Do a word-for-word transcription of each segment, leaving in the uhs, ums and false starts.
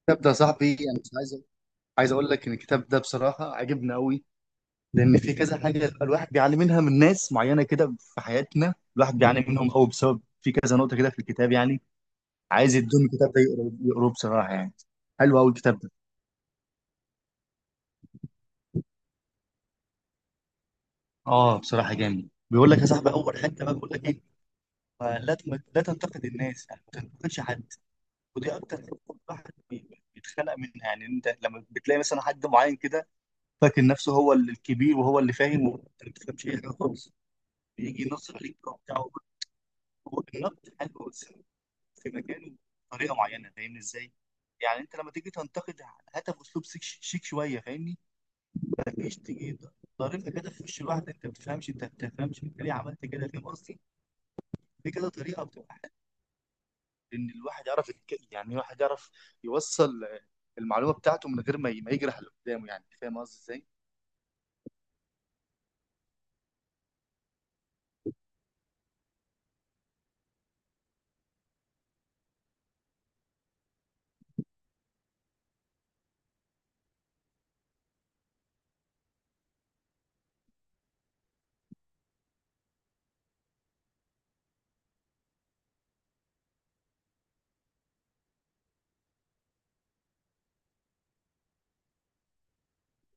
الكتاب ده يا صاحبي انا مش عايز. عايز اقول لك ان الكتاب ده بصراحه عجبني قوي. لان في كذا حاجه الواحد بيعاني منها من ناس معينه كده في حياتنا، الواحد بيعاني منهم قوي بسبب في كذا نقطه كده في الكتاب يعني. عايز يدوم الكتاب ده يقرا- يقروه بصراحه يعني. حلو قوي الكتاب ده. اه بصراحه جامد، بيقول لك يا صاحبي اول حته بقى بيقول لك ايه؟ آه، لا تم- لا تنتقد الناس، يعني ما تنتقدش حد. ودي اكتر حته الواحد بي- بيتخلق منها، يعني انت لما بتلاقي مثلا حد معين كده فاكر نفسه هو الكبير وهو اللي فاهم وانت ما بتفهمش اي حاجه خالص، بيجي ينسق الايد بتاعه. هو النقد حلو بس في مكانه، بطريقه معينه، فاهمني ازاي؟ يعني انت لما تيجي تنتقد هاتها باسلوب شيك شيك شويه، فاهمني؟ ما تجيش تيجي ضاربها كده في وش الواحد، انت ما بتفهمش انت ما بتفهمش انت ليه عملت كده، فاهم قصدي؟ في كده طريقه بتبقى حلوه ان الواحد يعرف يتك- يعني الواحد يعرف يوصل المعلومه بتاعته من غير ما ي- ما يجرح اللي قدامه، يعني فاهم قصدي ازاي؟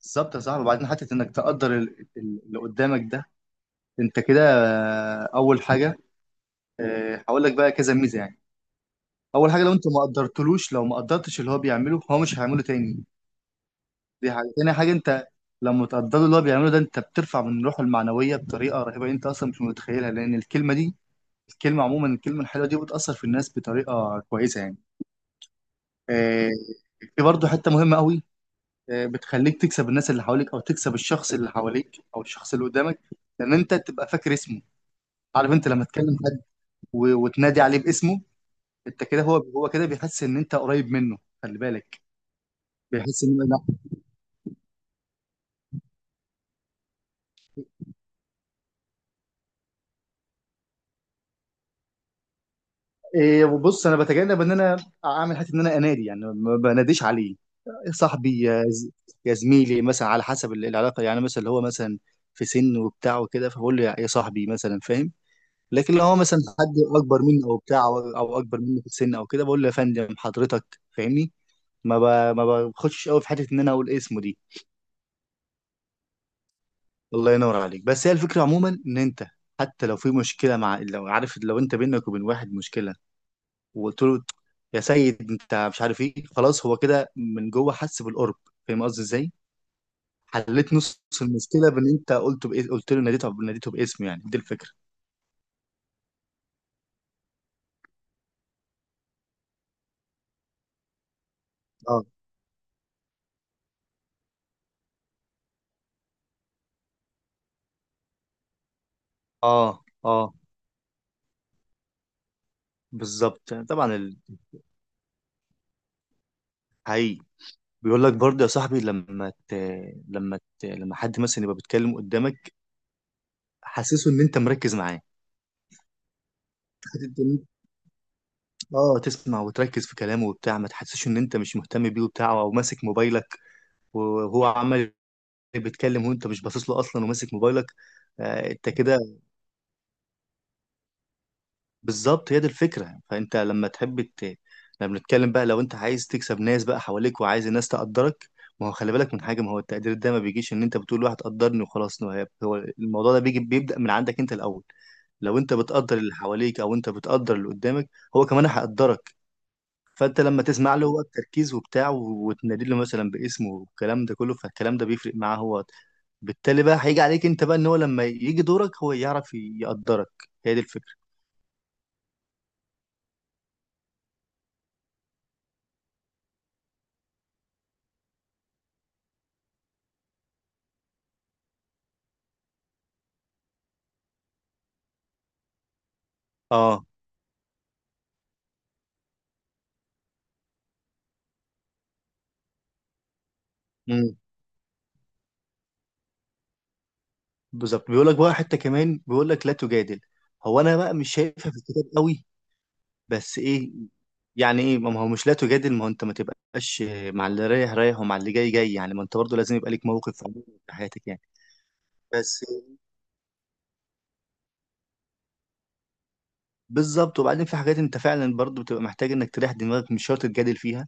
بالظبط يا صاحبي، وبعدين حتى انك تقدر ال- ال- اللي قدامك ده. انت كده، آه، اول حاجه. آه، هقول لك بقى كذا ميزه يعني. اول حاجه لو انت ما قدرتلوش، لو ما قدرتش اللي هو بيعمله هو مش هيعمله تاني. دي حاجه. تاني حاجه انت لما تقدر اللي هو بيعمله ده انت بترفع من روحه المعنويه بطريقه رهيبه انت اصلا مش متخيلها، لان الكلمه دي، الكلمه عموما، الكلمه الحلوه دي بتاثر في الناس بطريقه كويسه يعني. آه، في برضه حته مهمه قوي. آه، بتخليك تكسب الناس اللي حواليك او تكسب الشخص اللي حواليك او الشخص اللي قدامك، لان انت تبقى فاكر اسمه. عارف انت لما تكلم حد و- وتنادي عليه باسمه، انت كده هو هو كده بيحس ان انت قريب منه، خلي بالك. بيحس ان إيه. وبص انا بتجنب ان انا اعمل حته ان انا انادي، يعني ما بناديش عليه صاحبي يا ز- يا زميلي، مثلا على حسب ال- العلاقه، يعني مثلا اللي هو مثلا في سن وبتاع وكده فبقول له يا صاحبي مثلا، فاهم؟ لكن لو هو مثلا حد اكبر مني او بتاع او أو اكبر مني في السن او كده بقول له يا فندم حضرتك، فاهمني؟ ما ب... ما بخشش قوي في حته ان انا اقول اسمه دي. الله ينور عليك، بس هي الفكره عموما ان انت حتى لو في مشكله مع، لو عارف، لو انت بينك وبين واحد مشكله وقلت له يا سيد انت مش عارف ايه، خلاص هو كده من جوه حس بالقرب، فاهم قصدي ازاي؟ حليت نص المشكله بان انت قلته بايه، قلت له ناديته ناديته باسمه، يعني دي الفكره. اه. اه. اه بالظبط طبعا ال- حقيقي. بيقول لك برضه يا صاحبي لما ت... لما ت... لما حد مثلا يبقى بيتكلم قدامك، حسسه ان انت مركز معاه. حتة إن أنت- اه تسمع وتركز في كلامه وبتاع، ما تحسسش ان انت مش مهتم بيه وبتاع، او ماسك موبايلك وهو عمال بيتكلم وانت مش باصص له اصلا وماسك موبايلك. آه، انت كده. بالظبط، هي دي الفكره. فانت لما تحب ت... لما نتكلم بقى، لو انت عايز تكسب ناس بقى حواليك وعايز الناس تقدرك، ما هو خلي بالك من حاجه، ما هو التقدير ده ما بيجيش ان انت بتقول واحد قدرني وخلاص. ما هي- هو الموضوع ده بيجي بيبدا من عندك انت الاول. لو انت بتقدر اللي حواليك او انت بتقدر اللي قدامك، هو كمان هيقدرك. فانت لما تسمع له هو التركيز وبتاع وتنادي له مثلا باسمه والكلام ده كله، فالكلام ده بيفرق معاه هو، بالتالي بقى هيجي عليك انت بقى ان هو لما يجي دورك هو يعرف يقدرك. هي دي الفكره. اه. امم بالظبط. بيقول لك بقى حته كمان بيقول لك لا تجادل. هو انا بقى مش شايفها في الكتاب قوي، بس ايه؟ يعني ايه، ما هو مش لا تجادل، ما هو انت ما تبقاش مع اللي رايح رايح ومع اللي جاي جاي، يعني ما انت برضه لازم يبقى ليك موقف في حياتك يعني. بس. بالظبط وبعدين في حاجات انت فعلا برضو بتبقى محتاج انك تريح دماغك، مش شرط تجادل فيها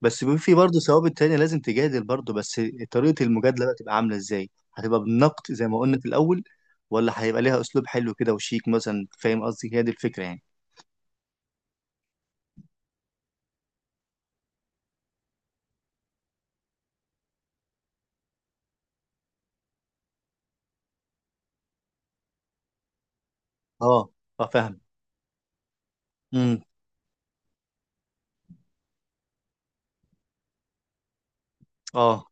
بس. بيبقى في برضو ثوابت تانية لازم تجادل برضو، بس طريقة المجادلة بقى تبقى عاملة ازاي، هتبقى بالنقد زي ما قلنا في الأول ولا هيبقى ليها أسلوب حلو كده وشيك مثلا، فاهم قصدي؟ هي دي الفكرة يعني. اه. اه فاهم. امم. اه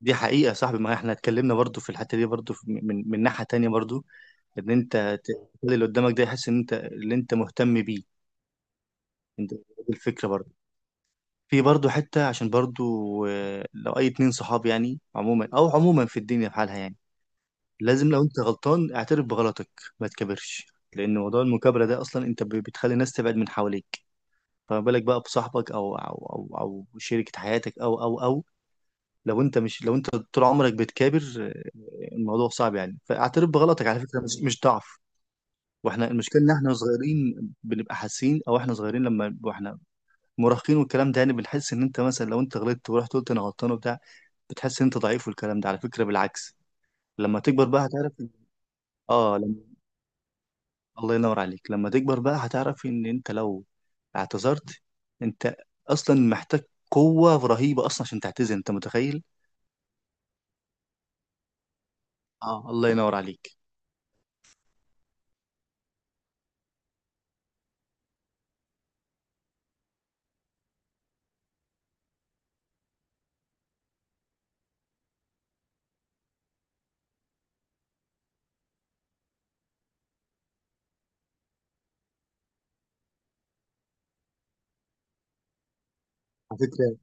دي حقيقة يا صاحبي، ما احنا اتكلمنا برضو في الحتة دي برضو في- من من ناحية تانية برضو ان انت ت- تخلي اللي قدامك ده يحس ان انت اللي انت مهتم بيه. انت دي الفكرة برضو. في برضه حتة، عشان برضه، آه، لو أي اتنين صحاب، يعني عموما أو عموما في الدنيا في حالها يعني، لازم لو أنت غلطان اعترف بغلطك، ما تكبرش. لأن موضوع المكابرة ده أصلا أنت ب- بتخلي الناس تبعد من حواليك، فما بالك بقى بصاحبك أو أو أو أو شريكة حياتك أو أو أو لو أنت مش، لو أنت طول عمرك بتكابر، آه، الموضوع صعب يعني. فاعترف بغلطك، على فكرة مش مش ضعف. واحنا المشكلة ان احنا صغيرين بنبقى حاسين، او احنا صغيرين لما واحنا مراهقين والكلام ده، يعني بنحس ان انت مثلا لو انت غلطت ورحت قلت انا غلطان وبتاع بتحس إن انت ضعيف، والكلام ده على فكرة بالعكس، لما تكبر بقى هتعرف إن- اه لما... الله ينور عليك. لما تكبر بقى هتعرف ان انت لو اعتذرت، انت اصلا محتاج قوة رهيبة اصلا عشان تعتذر، انت متخيل؟ اه الله ينور عليك. على فكرة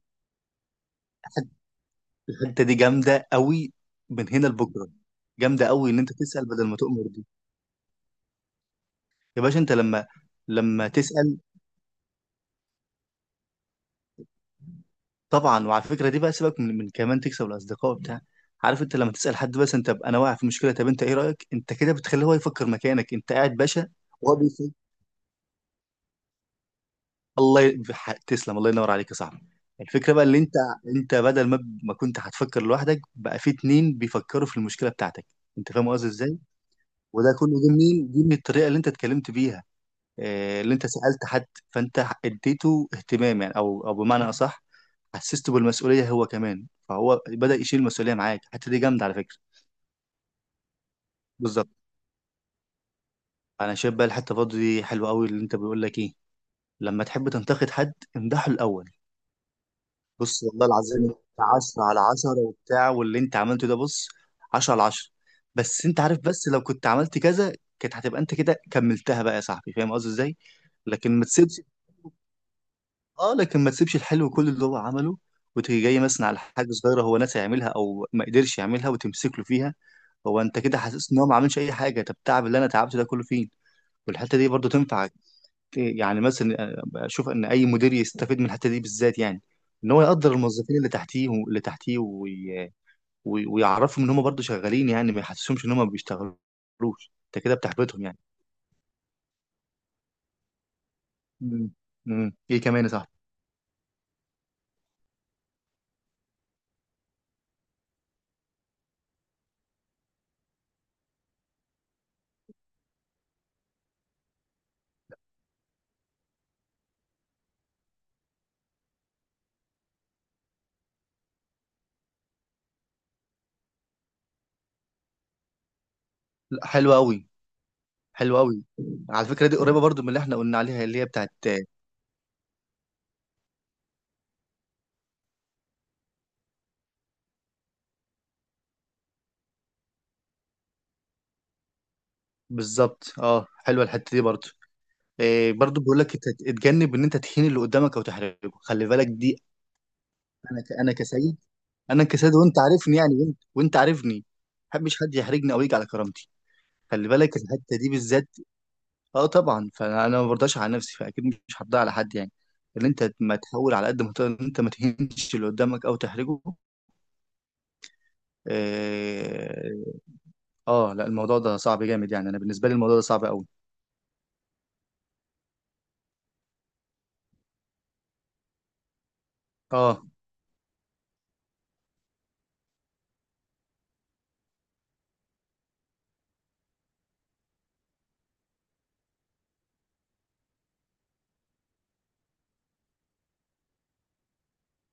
الحتة دي جامدة قوي، من هنا لبكرة. جامدة قوي ان انت تسأل بدل ما تؤمر دي. يا باشا انت لما، لما تسأل طبعا، وعلى فكره دي بقى سيبك من, من كمان تكسب الاصدقاء بتاع عارف انت لما تسال حد بس، انت انا واقع في مشكله طب انت ايه رايك، انت كده بتخليه هو يفكر مكانك، انت قاعد باشا وهو بيفكر. الله ي... بح- تسلم. الله ينور عليك يا صاحبي. الفكره بقى اللي انت، انت بدل ما ب- ما كنت هتفكر لوحدك بقى في اتنين بيفكروا في المشكله بتاعتك، انت فاهم قصدي ازاي؟ وده كله جه منين؟ جه من الطريقه اللي انت اتكلمت بيها، آه، اللي انت سألت حد، فانت اديته اهتمام، يعني او او بمعنى اصح حسسته بالمسؤوليه هو كمان، فهو بدأ يشيل المسؤوليه معاك. الحته دي جامده على فكره. بالظبط. انا شايف بقى الحته برضه دي حلوه قوي، اللي انت بيقول لك ايه؟ لما تحب تنتقد حد امدحه الاول. بص والله العظيم انت عشرة على عشرة وبتاع واللي انت عملته ده بص عشرة على عشرة، بس انت عارف، بس لو كنت عملت كذا كانت هتبقى، انت كده كملتها بقى يا صاحبي، فاهم قصدي ازاي؟ لكن ما تسيبش. اه لكن ما تسيبش الحلو كل اللي هو عمله وتيجي جاي مثلا على حاجه صغيره هو ناسي يعملها او ما قدرش يعملها وتمسك له فيها، هو انت كده حاسس ان هو ما عملش اي حاجه. طب التعب اللي انا تعبته ده كله فين؟ والحته دي برضو تنفع. يعني مثلا آه، اشوف ان اي مدير يستفيد من الحته دي بالذات، يعني ان هو يقدر الموظفين اللي تحتيه اللي تحتيه وي... وي... ويعرفهم ان هم برضو شغالين، يعني ما يحسسهمش ان هم ما بيشتغلوش، انت كده بتحبطهم يعني. امم. ايه كمان يا صاحبي؟ لا، حلو قوي. حلو قوي. على فكره دي قريبه برضو من اللي احنا قلنا عليها اللي هي بتاعت. بالظبط اه، حلوه الحته دي برضو. إيه برضو بيقول لك ات- اتجنب ان انت تهين اللي قدامك او تحرجه، خلي بالك دي. انا ك- انا كسيد. انا كسيد وانت عارفني، يعني وانت, وانت عارفني ما بحبش حد يحرجني او يجي على كرامتي. خلي بالك الحته دي بالذات. اه طبعا، فانا أنا ما برضاش على نفسي، فاكيد مش هرضى على حد، يعني ان انت ما تحاول على قد ما تقدر ان انت ما تهينش اللي قدامك او تحرجه. آه، اه لا الموضوع ده صعب جامد، يعني انا بالنسبه لي الموضوع ده صعب قوي. اه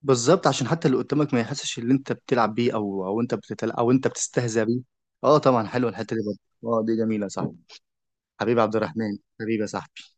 بالظبط عشان حتى اللي قدامك ما يحسش ان انت بتلعب بيه او او انت بتتل... او انت بتستهزأ بيه. اه طبعا حلوه الحته دي برضه. اه دي جميله، صح. حبيبي عبد الرحمن، حبيبي يا صاحبي.